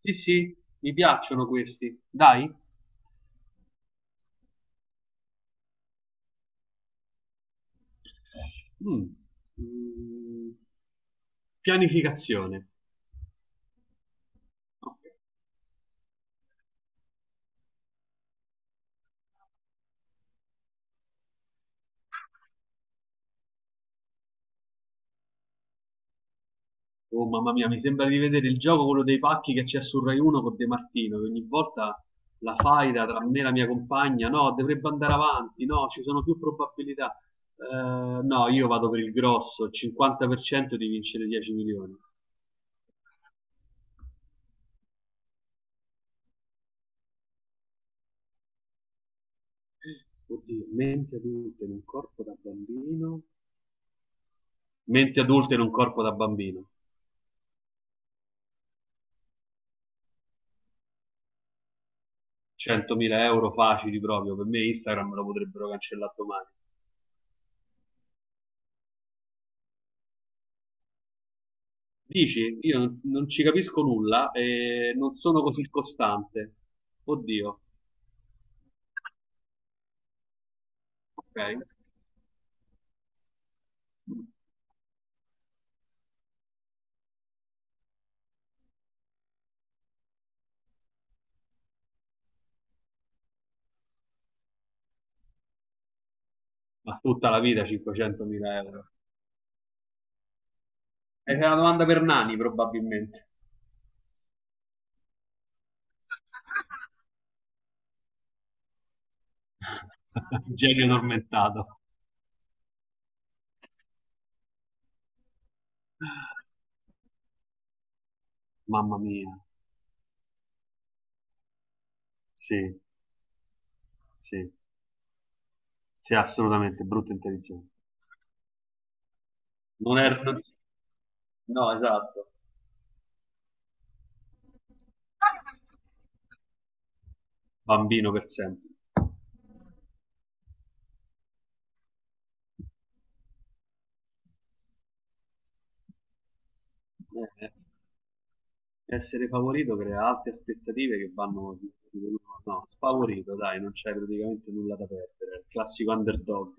Sì, sì, mi piacciono questi. Dai. Mm. Mm. Pianificazione. Ok. Oh, mamma mia, mi sembra di vedere il gioco, quello dei pacchi che c'è su Rai 1 con De Martino, che ogni volta la faida tra me e la mia compagna, no, dovrebbe andare avanti, no, ci sono più probabilità. No, io vado per il grosso, 50% di vincere 10 milioni. Oddio, mente adulta in un corpo da bambino. Mente adulta in un corpo da bambino. 100.000 euro facili proprio, per me Instagram me lo potrebbero cancellare domani. Dici, io non ci capisco nulla e non sono così costante. Oddio, ok. Ma tutta la vita 500.000 euro. È una domanda per Nani, probabilmente. Genio tormentato. Mamma mia, sì, sì, sì, assolutamente, brutto e intelligente. Non è... non- No, esatto, bambino per sempre. Eh. Essere favorito crea alte aspettative che vanno, no, sfavorito, dai, non c'è praticamente nulla da perdere, è il classico underdog.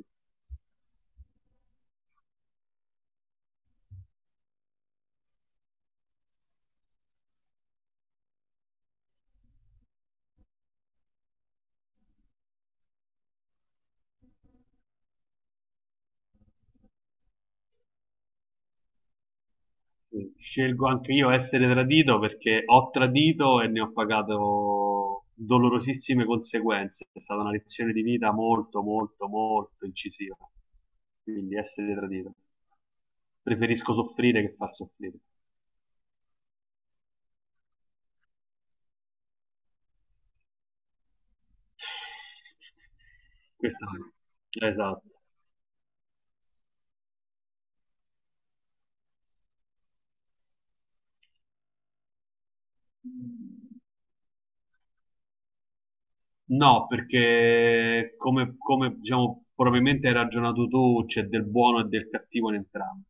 Scelgo anche io essere tradito perché ho tradito e ne ho pagato dolorosissime conseguenze. È stata una lezione di vita molto, molto, molto incisiva. Quindi essere tradito. Preferisco soffrire che far soffrire. Questo sì. Esatto. No, perché come, diciamo, probabilmente hai ragionato tu, c'è del buono e del cattivo in entrambi.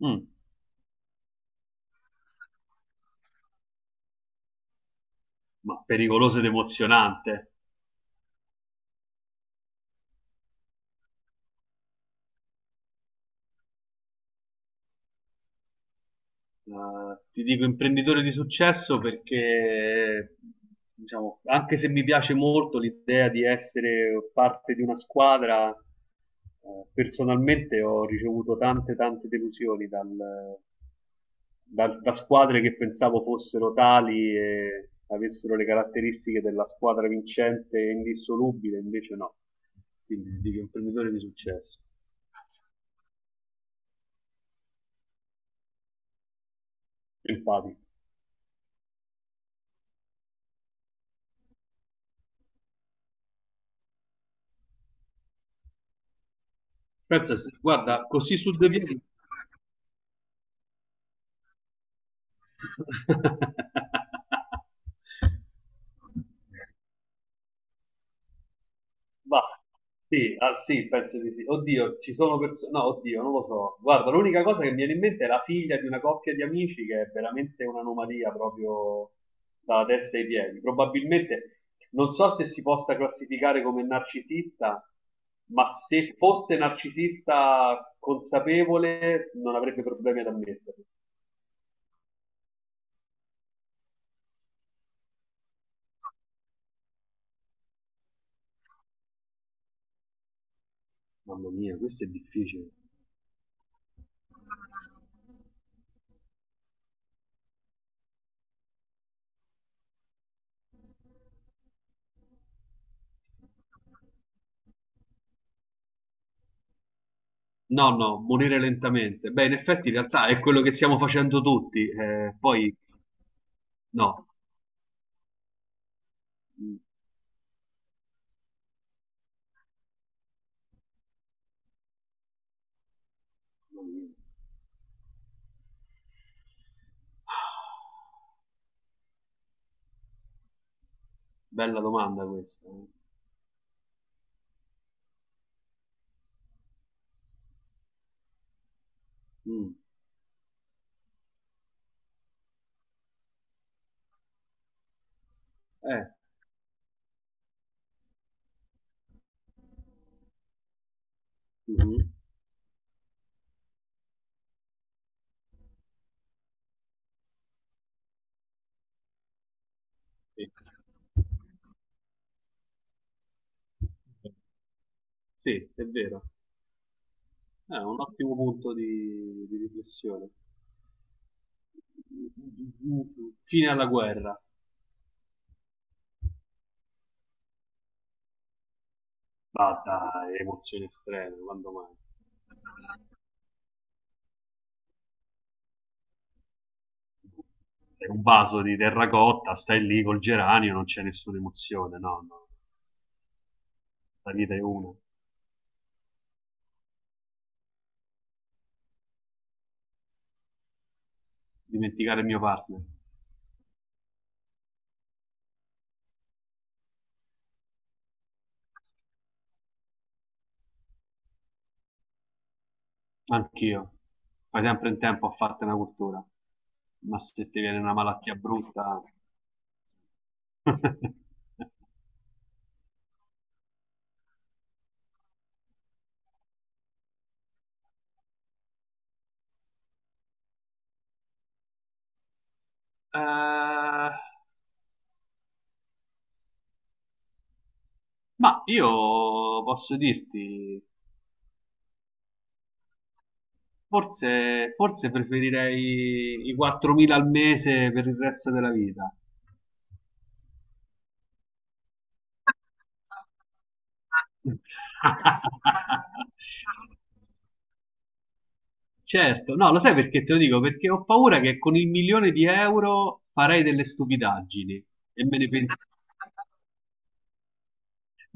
Mm, ma pericoloso ed emozionante. Eh, ti dico imprenditore di successo perché, diciamo, anche se mi piace molto l'idea di essere parte di una squadra, personalmente ho ricevuto tante, tante delusioni da squadre che pensavo fossero tali e avessero le caratteristiche della squadra vincente e indissolubile, invece no. Quindi dico un imprenditore di successo, empatico. Pensa, guarda, così su due piedi. Ma sì, ah, sì, penso di sì. Oddio, ci sono persone. No, oddio, non lo so. Guarda, l'unica cosa che mi viene in mente è la figlia di una coppia di amici che è veramente un'anomalia proprio dalla testa ai piedi. Probabilmente non so se si possa classificare come narcisista, ma se fosse narcisista consapevole non avrebbe problemi ad ammetterlo. Mamma mia, questo è difficile. No, no, morire lentamente. Beh, in effetti in realtà è quello che stiamo facendo tutti. Eh, poi no. Mm, mamma mia. Bella domanda questa. Eh. Mm, eh, Mhm. Sì. Sì, è vero. È un ottimo punto di riflessione. Fine alla guerra. Ma dai, emozioni estreme, quando mai? Sei un vaso di terracotta, stai lì col geranio, non c'è nessuna emozione. No, no, la vita è una. Dimenticare il mio partner. Anch'io. Fai sempre in tempo a farti una cultura. Ma se ti viene una malattia brutta... Eh, ma io posso dirti, forse preferirei i 4.000 al mese per il resto della vita. Certo, no, lo sai perché te lo dico? Perché ho paura che con il milione di euro farei delle stupidaggini e me ne pentirei.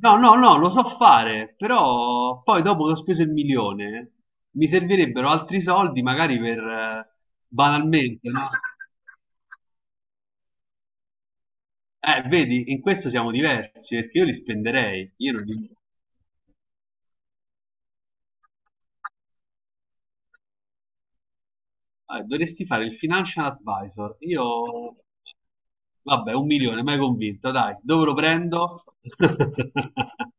No, no, no, lo so fare, però poi dopo che ho speso il milione mi servirebbero altri soldi magari per banalmente, no? Vedi, in questo siamo diversi perché io li spenderei, io non li... dovresti fare il financial advisor, io... Vabbè, un milione, mai convinto, dai, dove lo prendo?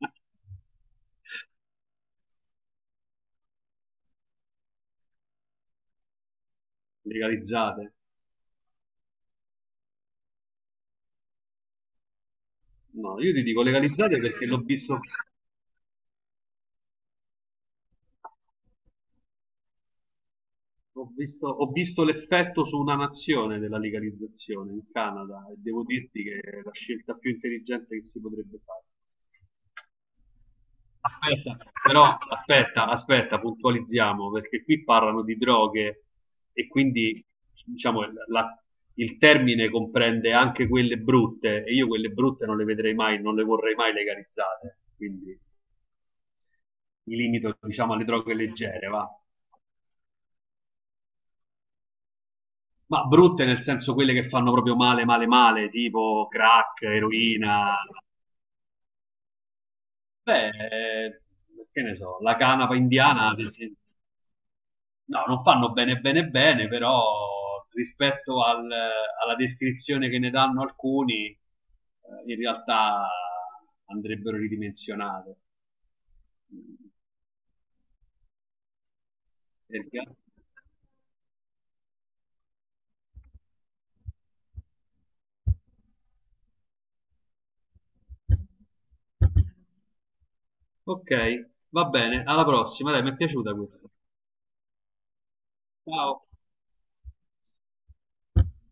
Legalizzate. No, io ti dico legalizzate perché l'ho visto... Ho visto l'effetto su una nazione della legalizzazione in Canada e devo dirti che è la scelta più intelligente che si potrebbe fare. Aspetta, però aspetta, puntualizziamo perché qui parlano di droghe e quindi diciamo la- il termine comprende anche quelle brutte e io quelle brutte non le vedrei mai, non le vorrei mai legalizzate, quindi mi limito diciamo alle droghe leggere, va. Ma brutte nel senso quelle che fanno proprio male, male, male, tipo crack, eroina. Beh, che ne so, la canapa indiana, ad esempio. No, non fanno bene, bene, bene, però rispetto alla descrizione che ne danno alcuni, in realtà andrebbero ridimensionate. Perché- Ok, va bene, alla prossima, dai, mi è piaciuta questa. Ciao.